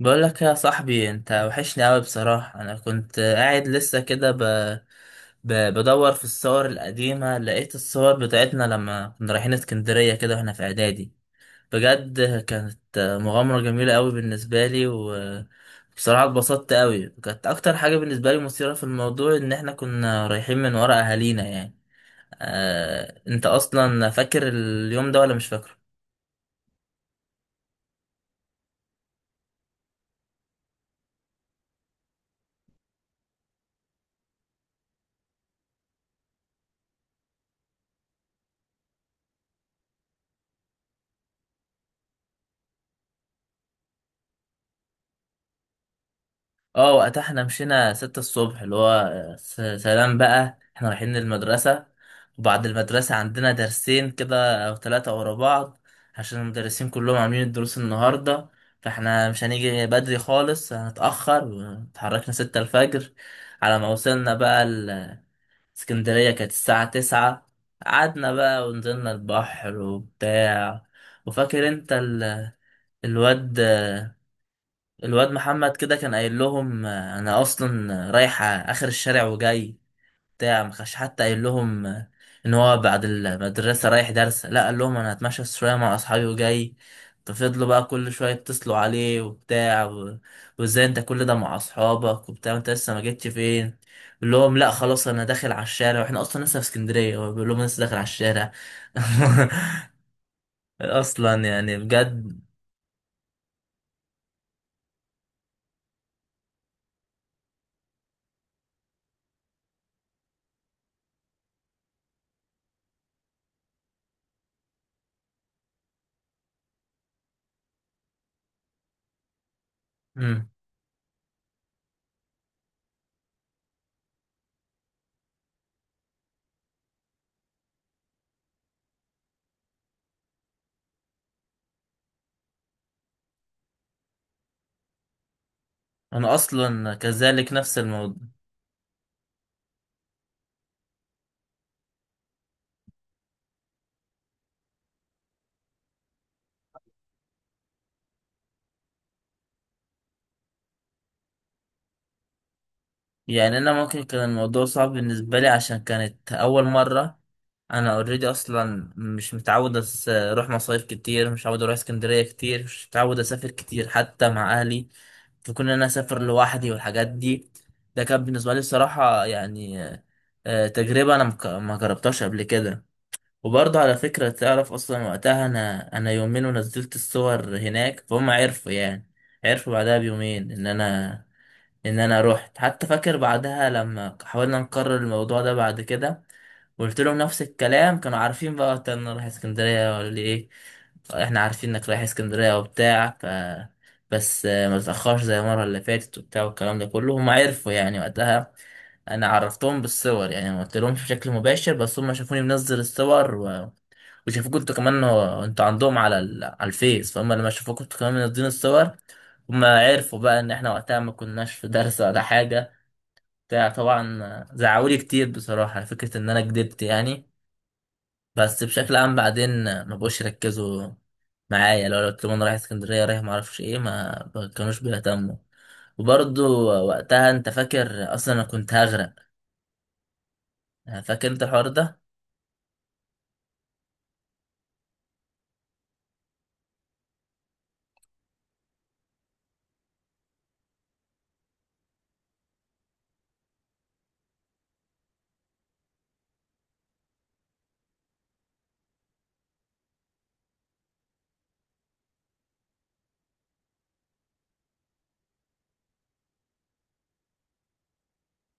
بقول لك يا صاحبي، انت وحشني قوي بصراحة. انا كنت قاعد لسه كده بدور في الصور القديمة، لقيت الصور بتاعتنا لما كنا رايحين اسكندرية كده واحنا في اعدادي. بجد كانت مغامرة جميلة قوي بالنسبة لي، وبصراحة اتبسطت قوي. كانت اكتر حاجة بالنسبة لي مثيرة في الموضوع ان احنا كنا رايحين من ورا اهالينا يعني. انت اصلا فاكر اليوم ده ولا مش فاكره؟ اه، وقتها احنا مشينا 6 الصبح، اللي هو سلام بقى احنا رايحين للمدرسة. وبعد المدرسة عندنا درسين كده أو ثلاثة ورا بعض، عشان المدرسين كلهم عاملين الدروس النهاردة. فاحنا مش هنيجي بدري خالص، هنتأخر. واتحركنا 6 الفجر. على ما وصلنا بقى اسكندرية كانت الساعة 9. قعدنا بقى ونزلنا البحر وبتاع. وفاكر انت الواد الواد محمد كده كان قايل لهم آه، انا اصلا رايح اخر الشارع وجاي. بتاع، ما كانش حتى قايل لهم آه، ان هو بعد المدرسه رايح درس، لا قال لهم انا هتمشى شويه مع اصحابي وجاي. ففضلوا بقى كل شويه يتصلوا عليه وبتاع، وازاي انت كل ده مع اصحابك وبتاع، انت لسه ما جيتش فين؟ بيقول لهم لا خلاص انا داخل على الشارع، واحنا اصلا لسه في اسكندريه، هو بيقول لهم لسه داخل على الشارع. اصلا يعني بجد. مم. انا اصلا كذلك نفس الموضوع. يعني انا ممكن كان الموضوع صعب بالنسبه لي عشان كانت اول مره. انا اوريدي اصلا مش متعود اروح مصايف كتير، مش متعود اروح اسكندريه كتير، مش متعود اسافر كتير حتى مع اهلي. فكون إن انا اسافر لوحدي والحاجات دي، ده كان بالنسبه لي الصراحه يعني تجربه انا ما جربتهاش قبل كده. وبرضه على فكره، تعرف اصلا وقتها، انا يومين ونزلت الصور هناك فهم عرفوا يعني. عرفوا بعدها بيومين ان انا روحت. حتى فاكر بعدها لما حاولنا نكرر الموضوع ده بعد كده، وقلت لهم نفس الكلام كانوا عارفين بقى. قلت انا رايح اسكندريه ولا ايه، احنا عارفين انك رايح اسكندريه وبتاع ف، بس ما تتاخرش زي المره اللي فاتت وبتاع والكلام ده كله. هم عرفوا يعني وقتها. انا عرفتهم بالصور، يعني ما قلت لهمش بشكل مباشر، بس هم شافوني منزل الصور، وشافوك انتوا كمان. هو انتوا عندهم على على الفيس، فهم لما شافوك انتوا كمان منزلين الصور هم عرفوا بقى ان احنا وقتها ما كناش في درس ولا حاجة. بتاع، طبعا زعقولي كتير بصراحة على فكرة ان انا كدبت يعني. بس بشكل عام بعدين ما بقوش يركزوا معايا. لو قلت لهم انا رايح اسكندرية، رايح ما اعرفش ايه، ما كانوش بيهتموا. وبرضو وقتها انت فاكر اصلا انا كنت هغرق؟ فاكر انت الحوار ده؟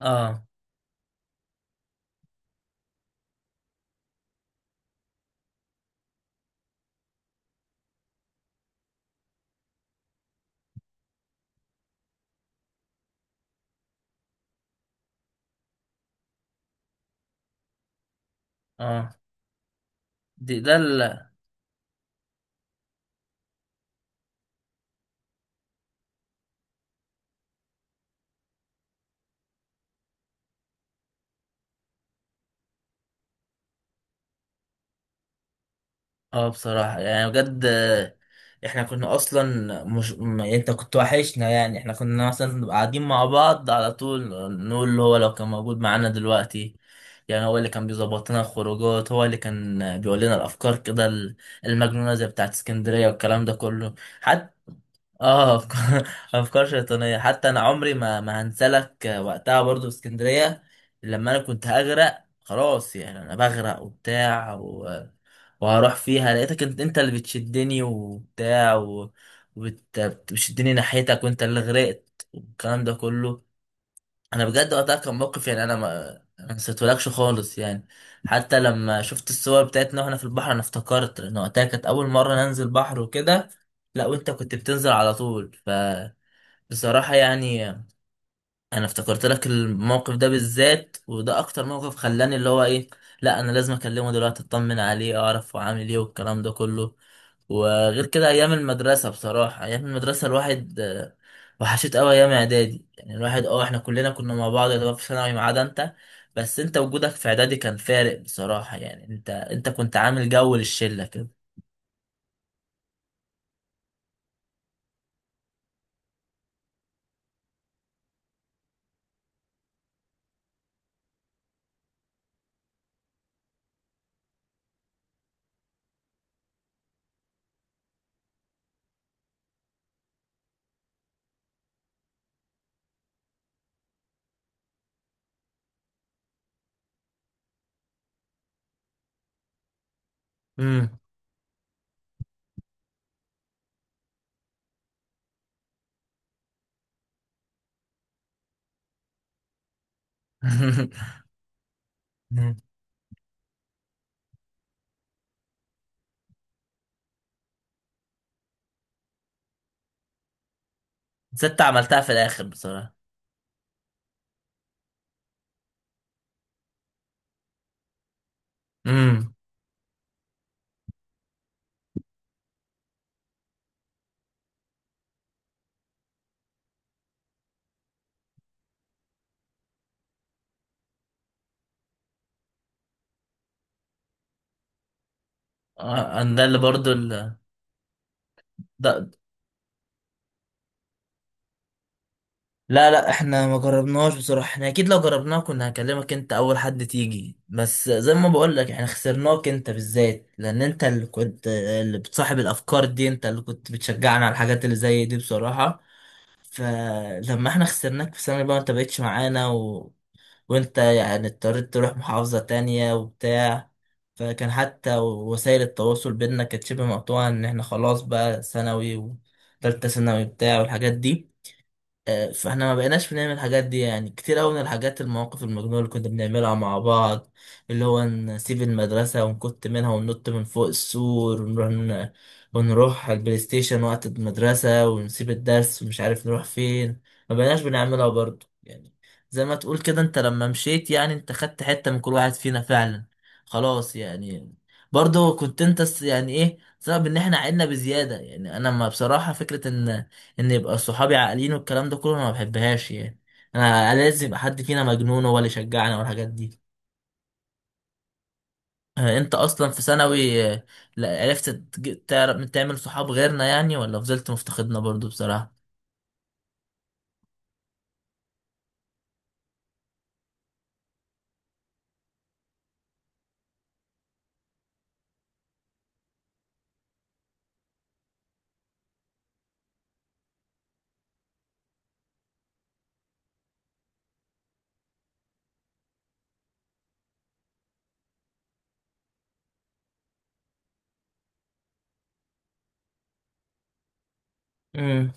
اه. اه، دي ده. اه، بصراحة يعني بجد احنا كنا اصلا مش يعني انت كنت وحشنا. يعني احنا كنا مثلا نبقى قاعدين مع بعض على طول نقول اللي هو لو كان موجود معانا دلوقتي. يعني هو اللي كان بيظبط لنا الخروجات، هو اللي كان بيقول لنا الافكار كده المجنونة زي بتاعت اسكندرية والكلام ده كله. حتى اه افكار أفكار شيطانية. حتى انا عمري ما هنسلك وقتها برضو في اسكندرية لما انا كنت هغرق خلاص. يعني انا بغرق وبتاع، وهروح فيها، لقيتك انت، انت اللي بتشدني وبتاع بتشدني ناحيتك، وانت اللي غرقت والكلام ده كله. انا بجد وقتها كان موقف، يعني انا ما نسيتهولكش خالص يعني. حتى لما شفت الصور بتاعتنا واحنا في البحر انا افتكرت، لان وقتها كانت اول مره ننزل بحر وكده. لا وانت كنت بتنزل على طول. فبصراحه يعني انا افتكرت لك الموقف ده بالذات، وده اكتر موقف خلاني اللي هو ايه، لا انا لازم اكلمه دلوقتي، اطمن عليه، اعرف هو عامل ايه والكلام ده كله. وغير كده ايام المدرسه بصراحه، ايام المدرسه الواحد وحشيت قوي ايام اعدادي. يعني الواحد اه، احنا كلنا كنا مع بعض يعتبر في ثانوي ما عدا انت. بس انت وجودك في اعدادي كان فارق بصراحه. يعني انت كنت عامل جو للشله كده. امم. ست عملتها في الاخر بصراحه. امم. ده اللي برضو ده. لا لا، احنا ما جربناهاش بصراحة. احنا اكيد لو جربناها كنا هكلمك انت اول حد تيجي. بس زي ما بقول لك، احنا خسرناك انت بالذات لان انت اللي كنت اللي بتصاحب الافكار دي، انت اللي كنت بتشجعنا على الحاجات اللي زي دي بصراحة. فلما احنا خسرناك في سنة بقى، انت بقيتش معانا، و... وانت يعني اضطريت تروح محافظة تانية وبتاع. فكان حتى وسائل التواصل بينا كانت شبه مقطوعة، ان احنا خلاص بقى ثانوي وتالتة ثانوي بتاع والحاجات دي. فاحنا ما بقيناش بنعمل الحاجات دي يعني، كتير قوي من الحاجات المواقف المجنونة اللي كنا بنعملها مع بعض. اللي هو نسيب المدرسة ونكت منها وننط من فوق السور، ونروح ونروح على البلاي ستيشن وقت المدرسة ونسيب الدرس ومش عارف نروح فين. ما بقيناش بنعملها برضه يعني. زي ما تقول كده، انت لما مشيت يعني انت خدت حتة من كل واحد فينا فعلا، خلاص يعني. برضه كنت انت يعني ايه سبب ان احنا عدنا بزيادة. يعني انا ما بصراحة فكرة ان يبقى صحابي عاقلين والكلام ده كله انا ما بحبهاش يعني. انا لازم يبقى حد فينا مجنون هو اللي يشجعنا والحاجات دي. انت اصلا في ثانوي عرفت تعرف تعمل صحاب غيرنا يعني، ولا فضلت مفتقدنا برضو بصراحة؟ امم.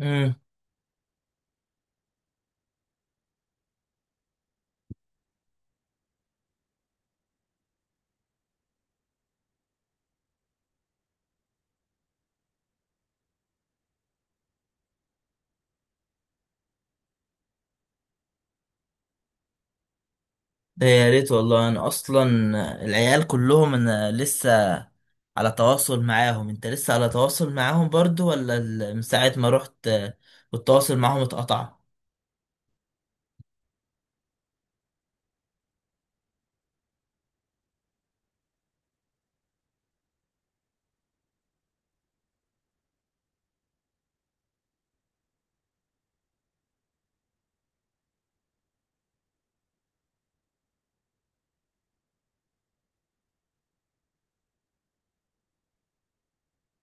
امم. ده يا ريت والله. انا اصلا العيال كلهم انا لسه على تواصل معاهم. انت لسه على تواصل معاهم برضو، ولا من ساعة ما رحت والتواصل معاهم اتقطع؟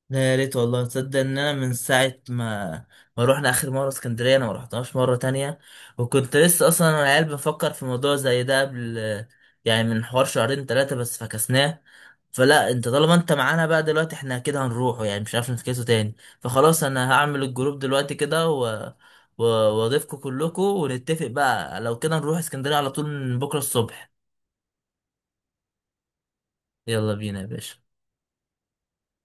لا يا ريت والله. تصدق ان انا من ساعه ما روحنا اخر مره اسكندريه انا ما رحتهاش مره تانية. وكنت لسه اصلا انا العيال بفكر في موضوع زي ده قبل، يعني من حوار شهرين ثلاثه، بس فكسناه. فلا، انت طالما انت معانا بقى دلوقتي احنا كده هنروحه يعني، مش عارف نفكسه تاني. فخلاص، انا هعمل الجروب دلوقتي كده واضيفكم كلكم ونتفق بقى لو كده نروح اسكندريه على طول من بكره الصبح. يلا بينا يا باشا.